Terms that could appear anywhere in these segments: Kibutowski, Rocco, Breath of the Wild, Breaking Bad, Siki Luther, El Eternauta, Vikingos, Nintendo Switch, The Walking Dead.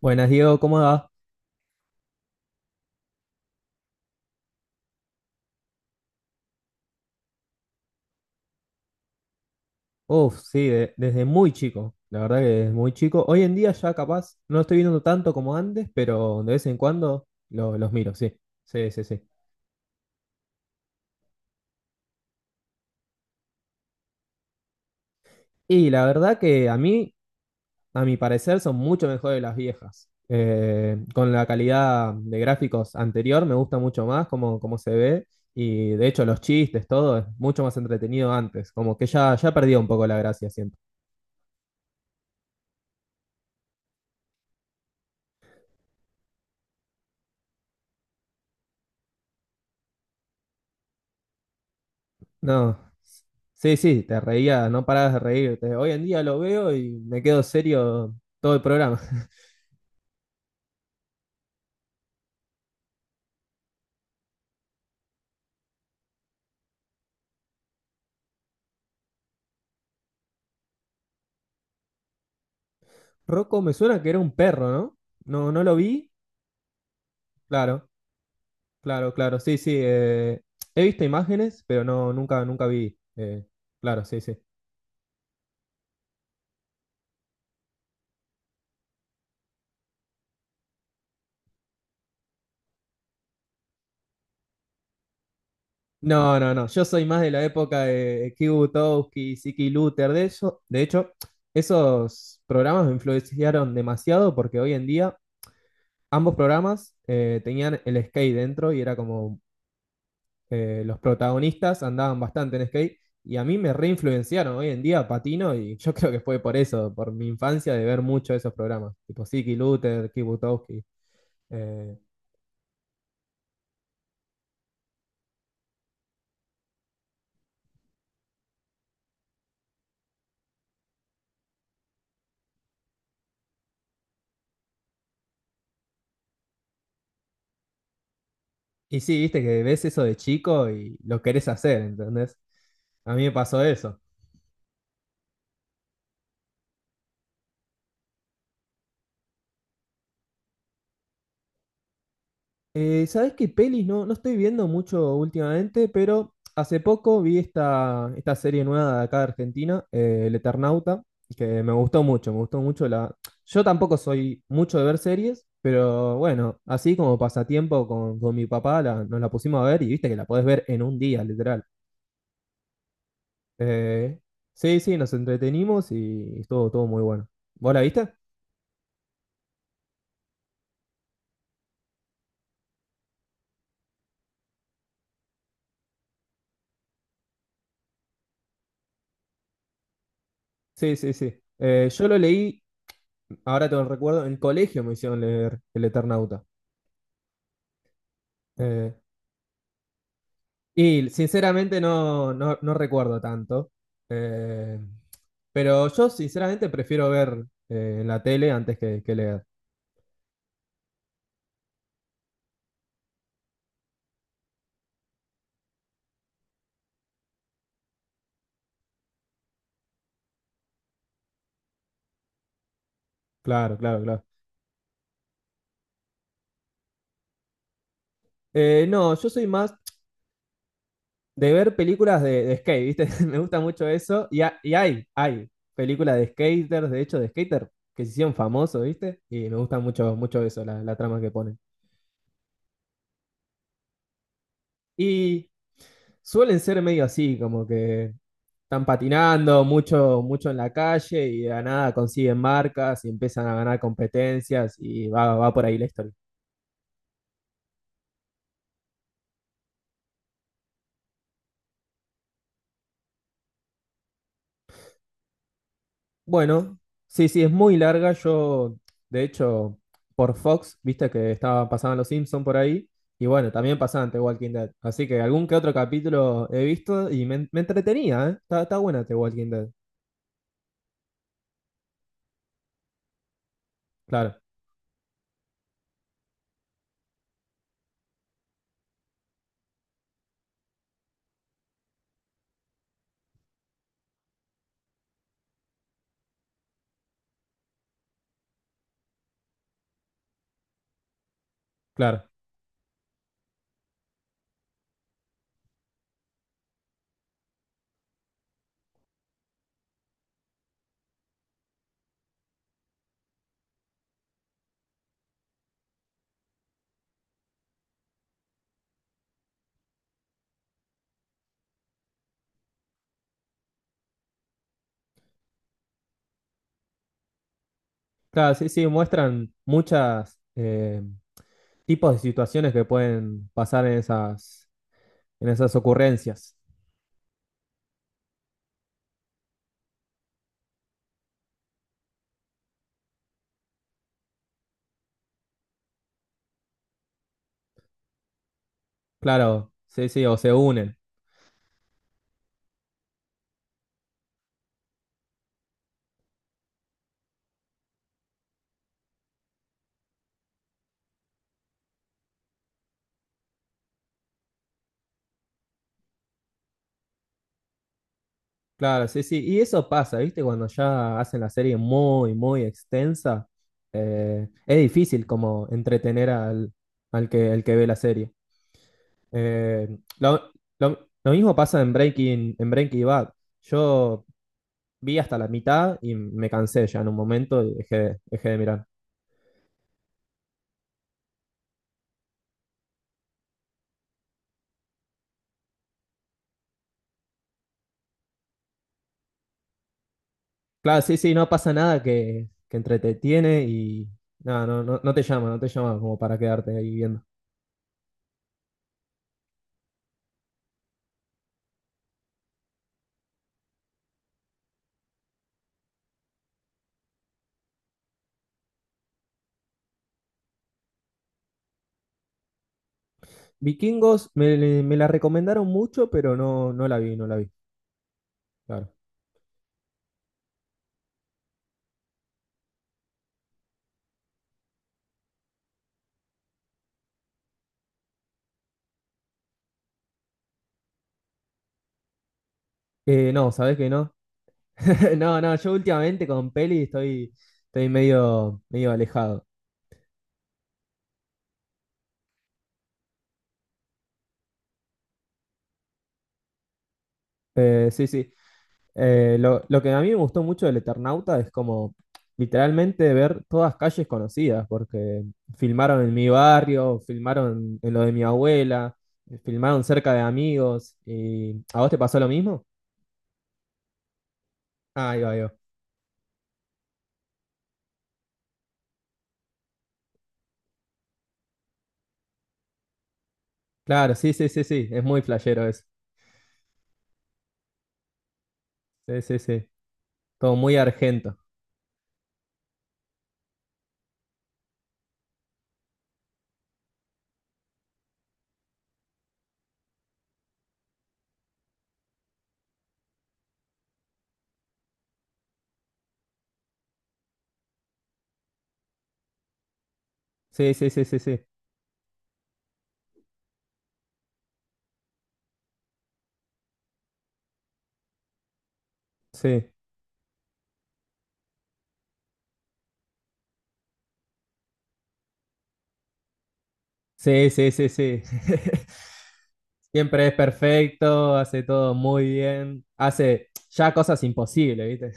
Buenas, Diego, ¿cómo va? Uf, sí, desde muy chico, la verdad que desde muy chico. Hoy en día ya capaz no lo estoy viendo tanto como antes, pero de vez en cuando los miro, sí. Sí, sí, sí. Y la verdad que a mí, a mi parecer, son mucho mejores las viejas. Con la calidad de gráficos anterior me gusta mucho más cómo, cómo se ve y de hecho los chistes, todo es mucho más entretenido antes, como que ya, ya perdió un poco la gracia, siento. No. Sí, sí, te reías, no parabas de reírte. Hoy en día lo veo y me quedo serio todo el programa. Rocco me suena que era un perro, ¿no? No, no lo vi. Claro, claro, claro. Sí, sí. He visto imágenes, pero no, nunca, nunca vi. Claro, sí, sí. No, no, no. Yo soy más de la época de Kibutowski, Siki Luther, de eso. De hecho, esos programas me influenciaron demasiado porque hoy en día ambos programas tenían el skate dentro y era como los protagonistas andaban bastante en skate y a mí me reinfluenciaron hoy en día patino y yo creo que fue por eso, por mi infancia de ver mucho esos programas, tipo Siki Luther, Kibutowski. eh, y sí, viste que ves eso de chico y lo querés hacer, ¿entendés? A mí me pasó eso. ¿Sabés qué pelis? No, no estoy viendo mucho últimamente, pero hace poco vi esta serie nueva de acá de Argentina, El Eternauta, que me gustó mucho la... Yo tampoco soy mucho de ver series, pero bueno, así como pasatiempo con mi papá nos la pusimos a ver y viste que la podés ver en un día, literal. Eh, sí, sí, nos entretenimos y estuvo todo muy bueno. ¿Vos la viste? Sí, sí, sí. Yo lo leí, ahora tengo el recuerdo, en el colegio me hicieron leer El Eternauta. Eh, Y sinceramente no, no, no recuerdo tanto. Eh, pero yo sinceramente prefiero ver en la tele antes que leer. Claro, claro, claro. No, yo soy más de ver películas de skate, ¿viste? Me gusta mucho eso. Y, y hay películas de skaters, de hecho, de skater, que se hicieron famosos, ¿viste? Y me gusta mucho, mucho eso, la trama que ponen. Y suelen ser medio así, como que están patinando mucho, mucho en la calle y de la nada consiguen marcas y empiezan a ganar competencias y va, va por ahí la historia. Bueno, sí, sí, es muy larga. Yo, de hecho, por Fox, viste que estaba, pasaban los Simpsons por ahí. Y bueno, también pasaban The Walking Dead. Así que algún que otro capítulo he visto y me entretenía, ¿eh? Está, está buena The Walking Dead. Claro, claro. Claro, sí, sí, muestran muchas tipos de situaciones que pueden pasar en esas ocurrencias. Claro, sí, sí, o se unen. Claro, sí, sí. Y eso pasa, ¿viste? Cuando ya hacen la serie muy, muy extensa, es difícil como entretener al, al que, el que ve la serie. Eh, lo, lo mismo pasa en Breaking Bad. Yo vi hasta la mitad y me cansé ya en un momento y dejé, dejé de mirar. Claro, sí, sí, no pasa nada que, que entretiene y nada, no, no, no te llama, no te llama como para quedarte ahí viendo. Vikingos me, me la recomendaron mucho, pero no, no la vi, no la vi, claro. No, ¿sabés que no? No, no, yo últimamente con peli estoy, estoy medio, medio alejado. Sí, sí. Lo, que a mí me gustó mucho del Eternauta es como literalmente ver todas calles conocidas, porque filmaron en mi barrio, filmaron en lo de mi abuela, filmaron cerca de amigos. Y... ¿A vos te pasó lo mismo? Ah, ahí va, ahí va. Claro, sí, sí, sí, sí, es muy flashero eso. Sí, sí, sí. Todo muy argento. Sí, sí, sí, sí, sí. Sí, sí, sí, sí, sí. Siempre es perfecto, hace todo muy bien, hace ya cosas imposibles, ¿viste?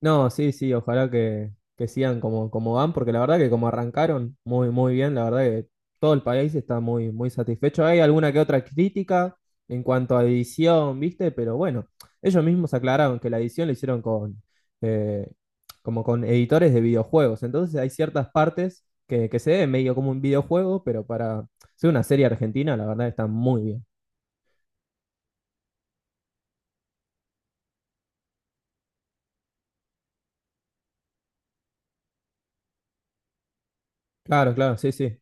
No, sí, sí, ojalá que sigan como, como van, porque la verdad que como arrancaron muy, muy bien, la verdad que todo el país está muy, muy satisfecho. Hay alguna que otra crítica en cuanto a edición, ¿viste? Pero bueno, ellos mismos aclararon que la edición la hicieron con, eh, como con editores de videojuegos. Entonces hay ciertas partes que se ven medio como un videojuego, pero para ser una serie argentina, la verdad está muy bien. Claro, claro, sí, sí.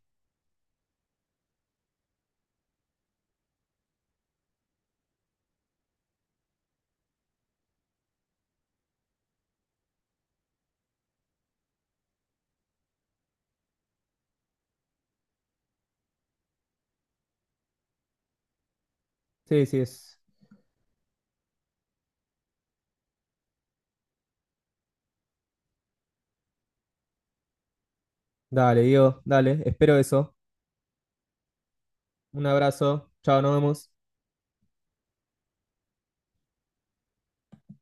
Sí, sí, es. Dale, Diego, dale, espero eso. Un abrazo. Chao, nos vemos.